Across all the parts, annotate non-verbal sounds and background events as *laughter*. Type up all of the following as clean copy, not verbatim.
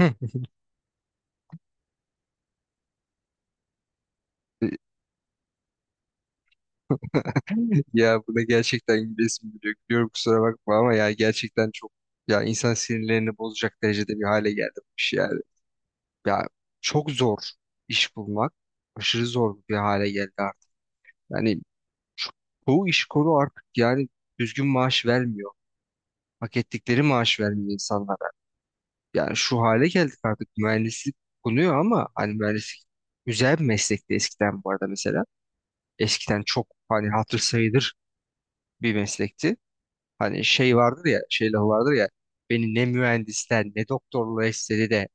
Hı. Ya buna gerçekten gülesim geliyor. Gülüyorum kusura bakma ama ya gerçekten çok, ya insan sinirlerini bozacak derecede bir hale geldi bu iş yani. Ya çok zor iş bulmak. Aşırı zor bir hale geldi artık. Yani şu- çoğu iş kolu artık yani düzgün maaş vermiyor. Hak ettikleri maaş vermiyor insanlara. Yani şu hale geldik artık, mühendislik konuyor ama hani mühendislik güzel bir meslekti eskiden bu arada mesela. Eskiden çok hani hatır sayılır bir meslekti. Hani şey vardır ya, şey lafı vardır ya. Beni ne mühendisler ne doktorlar istedi de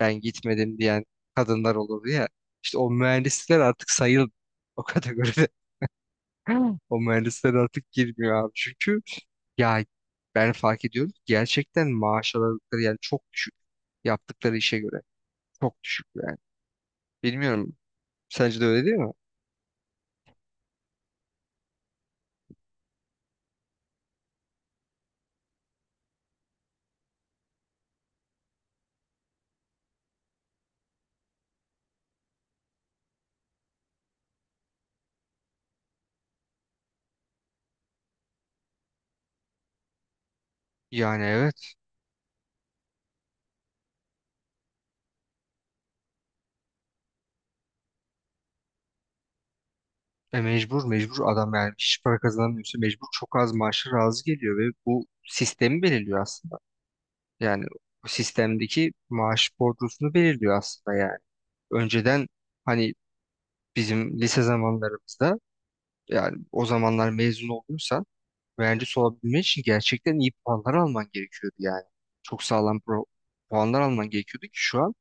ben gitmedim diyen kadınlar olurdu ya. İşte o mühendisler artık o kategoride. *laughs* O mühendisler artık girmiyor abi. Çünkü ya ben fark ediyorum ki gerçekten maaş aldıkları yani çok düşük. Yaptıkları işe göre çok düşük yani. Bilmiyorum. Sence de öyle değil mi? Yani evet. E mecbur adam yani, hiç para kazanamıyorsa mecbur çok az maaşa razı geliyor ve bu sistemi belirliyor aslında. Yani o sistemdeki maaş bordrosunu belirliyor aslında yani. Önceden hani bizim lise zamanlarımızda, yani o zamanlar mezun olduysan mühendis olabilmek için gerçekten iyi puanlar alman gerekiyordu yani. Çok sağlam puanlar alman gerekiyordu ki şu an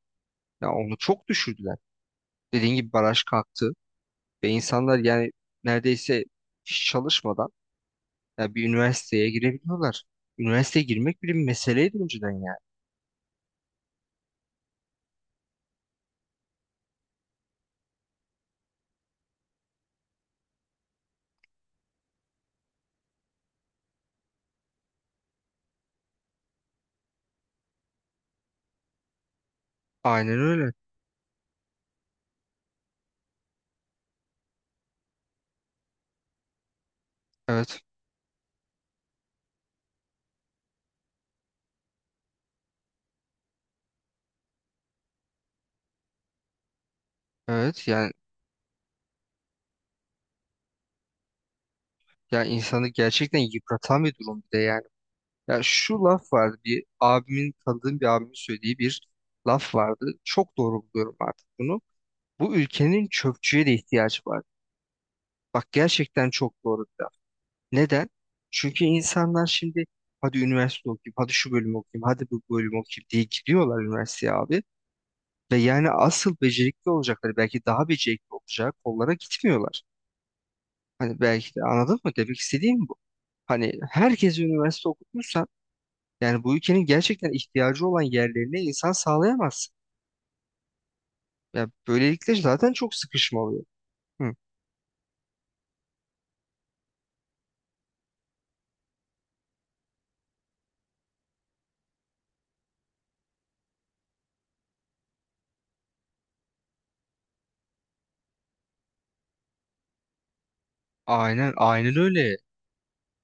ya onu çok düşürdüler. Dediğin gibi baraj kalktı ve insanlar yani neredeyse hiç çalışmadan ya bir üniversiteye girebiliyorlar. Üniversiteye girmek bile bir meseleydi önceden yani. Aynen öyle. Evet. Evet yani. Ya insanı gerçekten yıpratan bir durum bir de yani. Ya şu laf vardı, bir abimin, tanıdığım bir abimin söylediği bir laf vardı. Çok doğru buluyorum artık bunu. Bu ülkenin çöpçüye de ihtiyacı var. Bak, gerçekten çok doğru bir laf. Neden? Çünkü insanlar şimdi hadi üniversite okuyayım, hadi şu bölümü okuyayım, hadi bu bölümü okuyayım diye gidiyorlar üniversiteye abi. Ve yani asıl becerikli olacakları, belki daha becerikli olacak kollara gitmiyorlar. Hani belki de, anladın mı? Demek istediğim bu. Hani herkes üniversite okutmuş. Yani bu ülkenin gerçekten ihtiyacı olan yerlerine insan sağlayamaz. Ya böylelikle zaten çok sıkışma oluyor. Hı. Aynen, aynen öyle.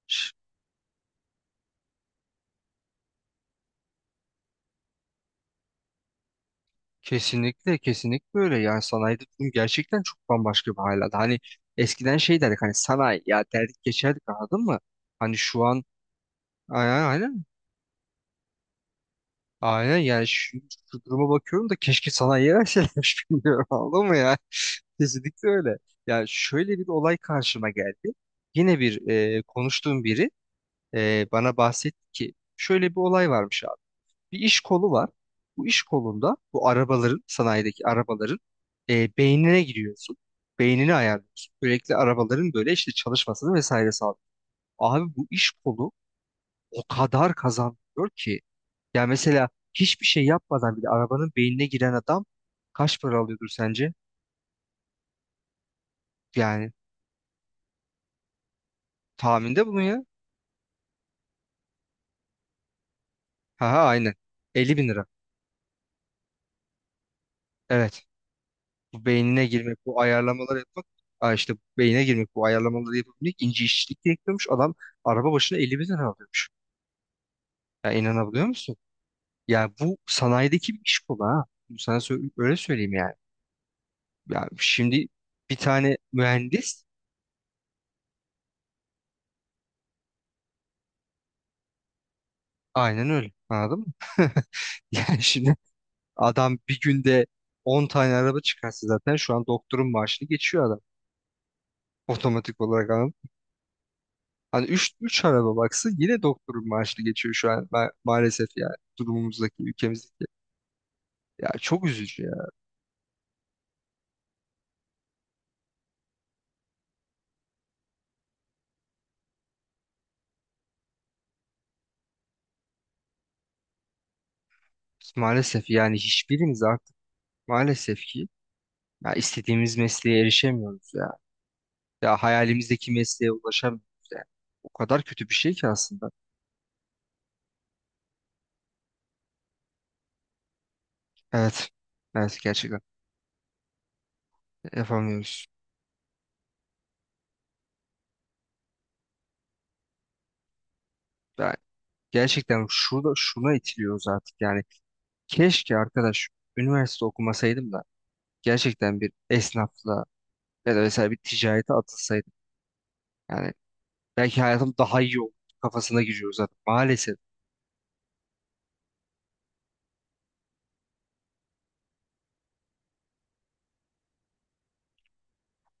Ş- Kesinlikle, kesinlikle öyle. Yani sanayide durum gerçekten çok bambaşka bir hal aldı. Hani eskiden şey derdik, hani sanayi ya derdik geçerdik, anladın mı? Hani şu an aynen aynen. Aynen yani, şu, şu duruma bakıyorum da keşke sanayiye verselermiş *laughs* bilmiyorum, anladın mı ya? Kesinlikle öyle. Yani şöyle bir olay karşıma geldi. Yine bir konuştuğum biri bana bahsetti ki şöyle bir olay varmış abi. Bir iş kolu var. Bu iş kolunda bu arabaların, sanayideki arabaların beynine giriyorsun. Beynini ayarlıyorsun. Sürekli arabaların böyle işte çalışmasını vesaire sağlıyor. Abi bu iş kolu o kadar kazandırıyor ki ya mesela hiçbir şey yapmadan bile arabanın beynine giren adam kaç para alıyordur sence? Yani tahminde bunu ya. Ha ha aynen. 50 bin lira. Evet. Bu beynine girmek, bu ayarlamaları yapmak, aa işte beyine girmek, bu ayarlamaları yapabilmek ince işçilik gerekiyormuş. Adam araba başına 50 bin lira alıyormuş. Ya inanabiliyor musun? Ya bu sanayideki bir iş kolu ha. Bunu sana öyle söyleyeyim yani. Ya şimdi bir tane mühendis, aynen öyle. Anladın mı? *laughs* Yani şimdi adam bir günde 10 tane araba çıkarsa zaten şu an doktorun maaşını geçiyor adam. Otomatik olarak hani üç araba baksa yine doktorun maaşını geçiyor şu an maalesef, yani durumumuzdaki ülkemizdeki. Ya çok üzücü ya. Maalesef yani hiçbirimiz artık, maalesef ki, ya istediğimiz mesleğe erişemiyoruz ya. Ya hayalimizdeki mesleğe ulaşamıyoruz yani. O kadar kötü bir şey ki aslında. Evet. Evet gerçekten yapamıyoruz. Yani gerçekten şurada şuna itiliyoruz artık yani. Keşke arkadaş üniversite okumasaydım da gerçekten bir esnafla ya da mesela bir ticarete atılsaydım. Yani belki hayatım daha iyi olur kafasına giriyoruz zaten. Maalesef.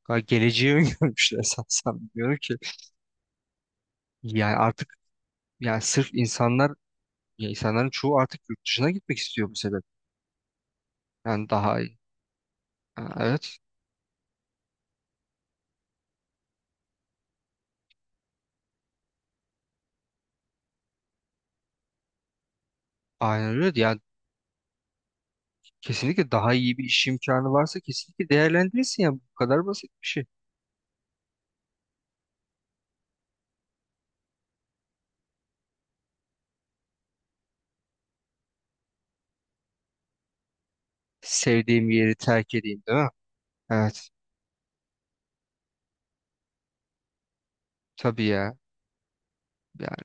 Ha, geleceği öngörmüşler *laughs* sanırsam. Bilmiyorum ki. Yani artık, yani sırf insanlar, ya insanların çoğu artık yurt dışına gitmek istiyor bu sebep. Yani daha iyi. Ha, evet. Aynen öyle. Yani kesinlikle daha iyi bir iş imkanı varsa kesinlikle değerlendirirsin ya. Bu kadar basit bir şey. Sevdiğim yeri terk edeyim, değil mi? Evet. Tabii ya. Yani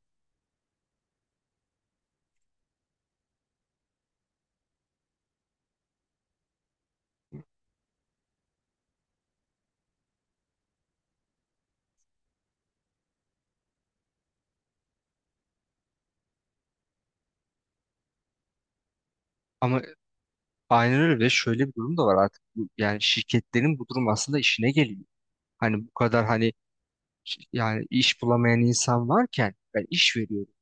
ama aynen öyle, ve şöyle bir durum da var artık. Yani şirketlerin, bu durum aslında işine geliyor. Hani bu kadar hani, yani iş bulamayan insan varken ben iş veriyorum.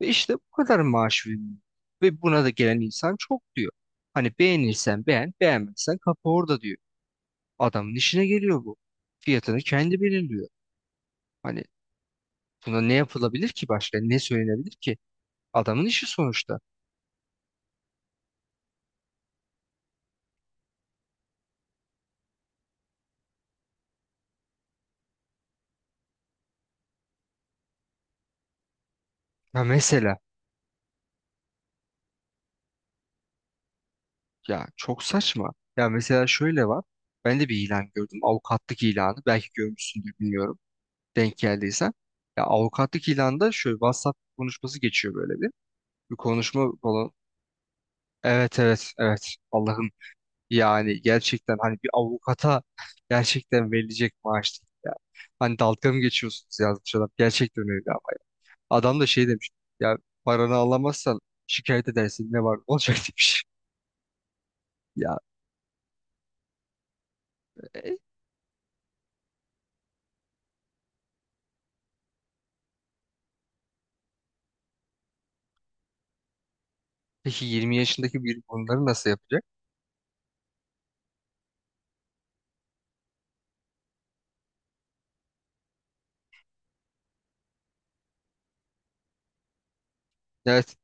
Ve işte bu kadar maaş veriyorum. Ve buna da gelen insan çok diyor. Hani beğenirsen beğen, beğenmezsen kapı orada diyor. Adamın işine geliyor bu. Fiyatını kendi belirliyor. Hani buna ne yapılabilir ki başka? Ne söylenebilir ki? Adamın işi sonuçta. Ya mesela, ya çok saçma. Ya mesela şöyle var. Ben de bir ilan gördüm. Avukatlık ilanı. Belki görmüşsündür, bilmiyorum. Denk geldiysen. Ya avukatlık ilanında şöyle WhatsApp konuşması geçiyor, böyle bir, bir konuşma falan. Evet evet evet, Allah'ım, yani gerçekten hani bir avukata *laughs* gerçekten verilecek maaş değil ya. Hani dalga mı geçiyorsunuz yazmış adam. Gerçekten öyle ama. Adam da şey demiş, ya paranı alamazsan şikayet edersin, ne var ne olacak *laughs* demiş. Ya e, peki 20 yaşındaki biri bunları nasıl yapacak? Evet,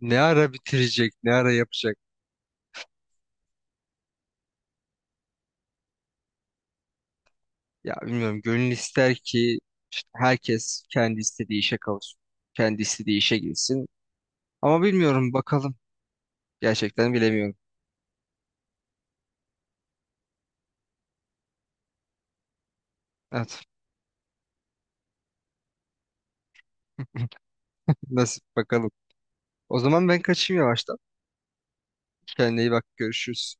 ne ara bitirecek, ne ara yapacak? Ya bilmiyorum, gönül ister ki işte herkes kendi istediği işe kavuşsun. Kendi istediği işe girsin. Ama bilmiyorum bakalım. Gerçekten bilemiyorum. Evet. *laughs* Nasip bakalım. O zaman ben kaçayım yavaştan. Kendine iyi bak. Görüşürüz.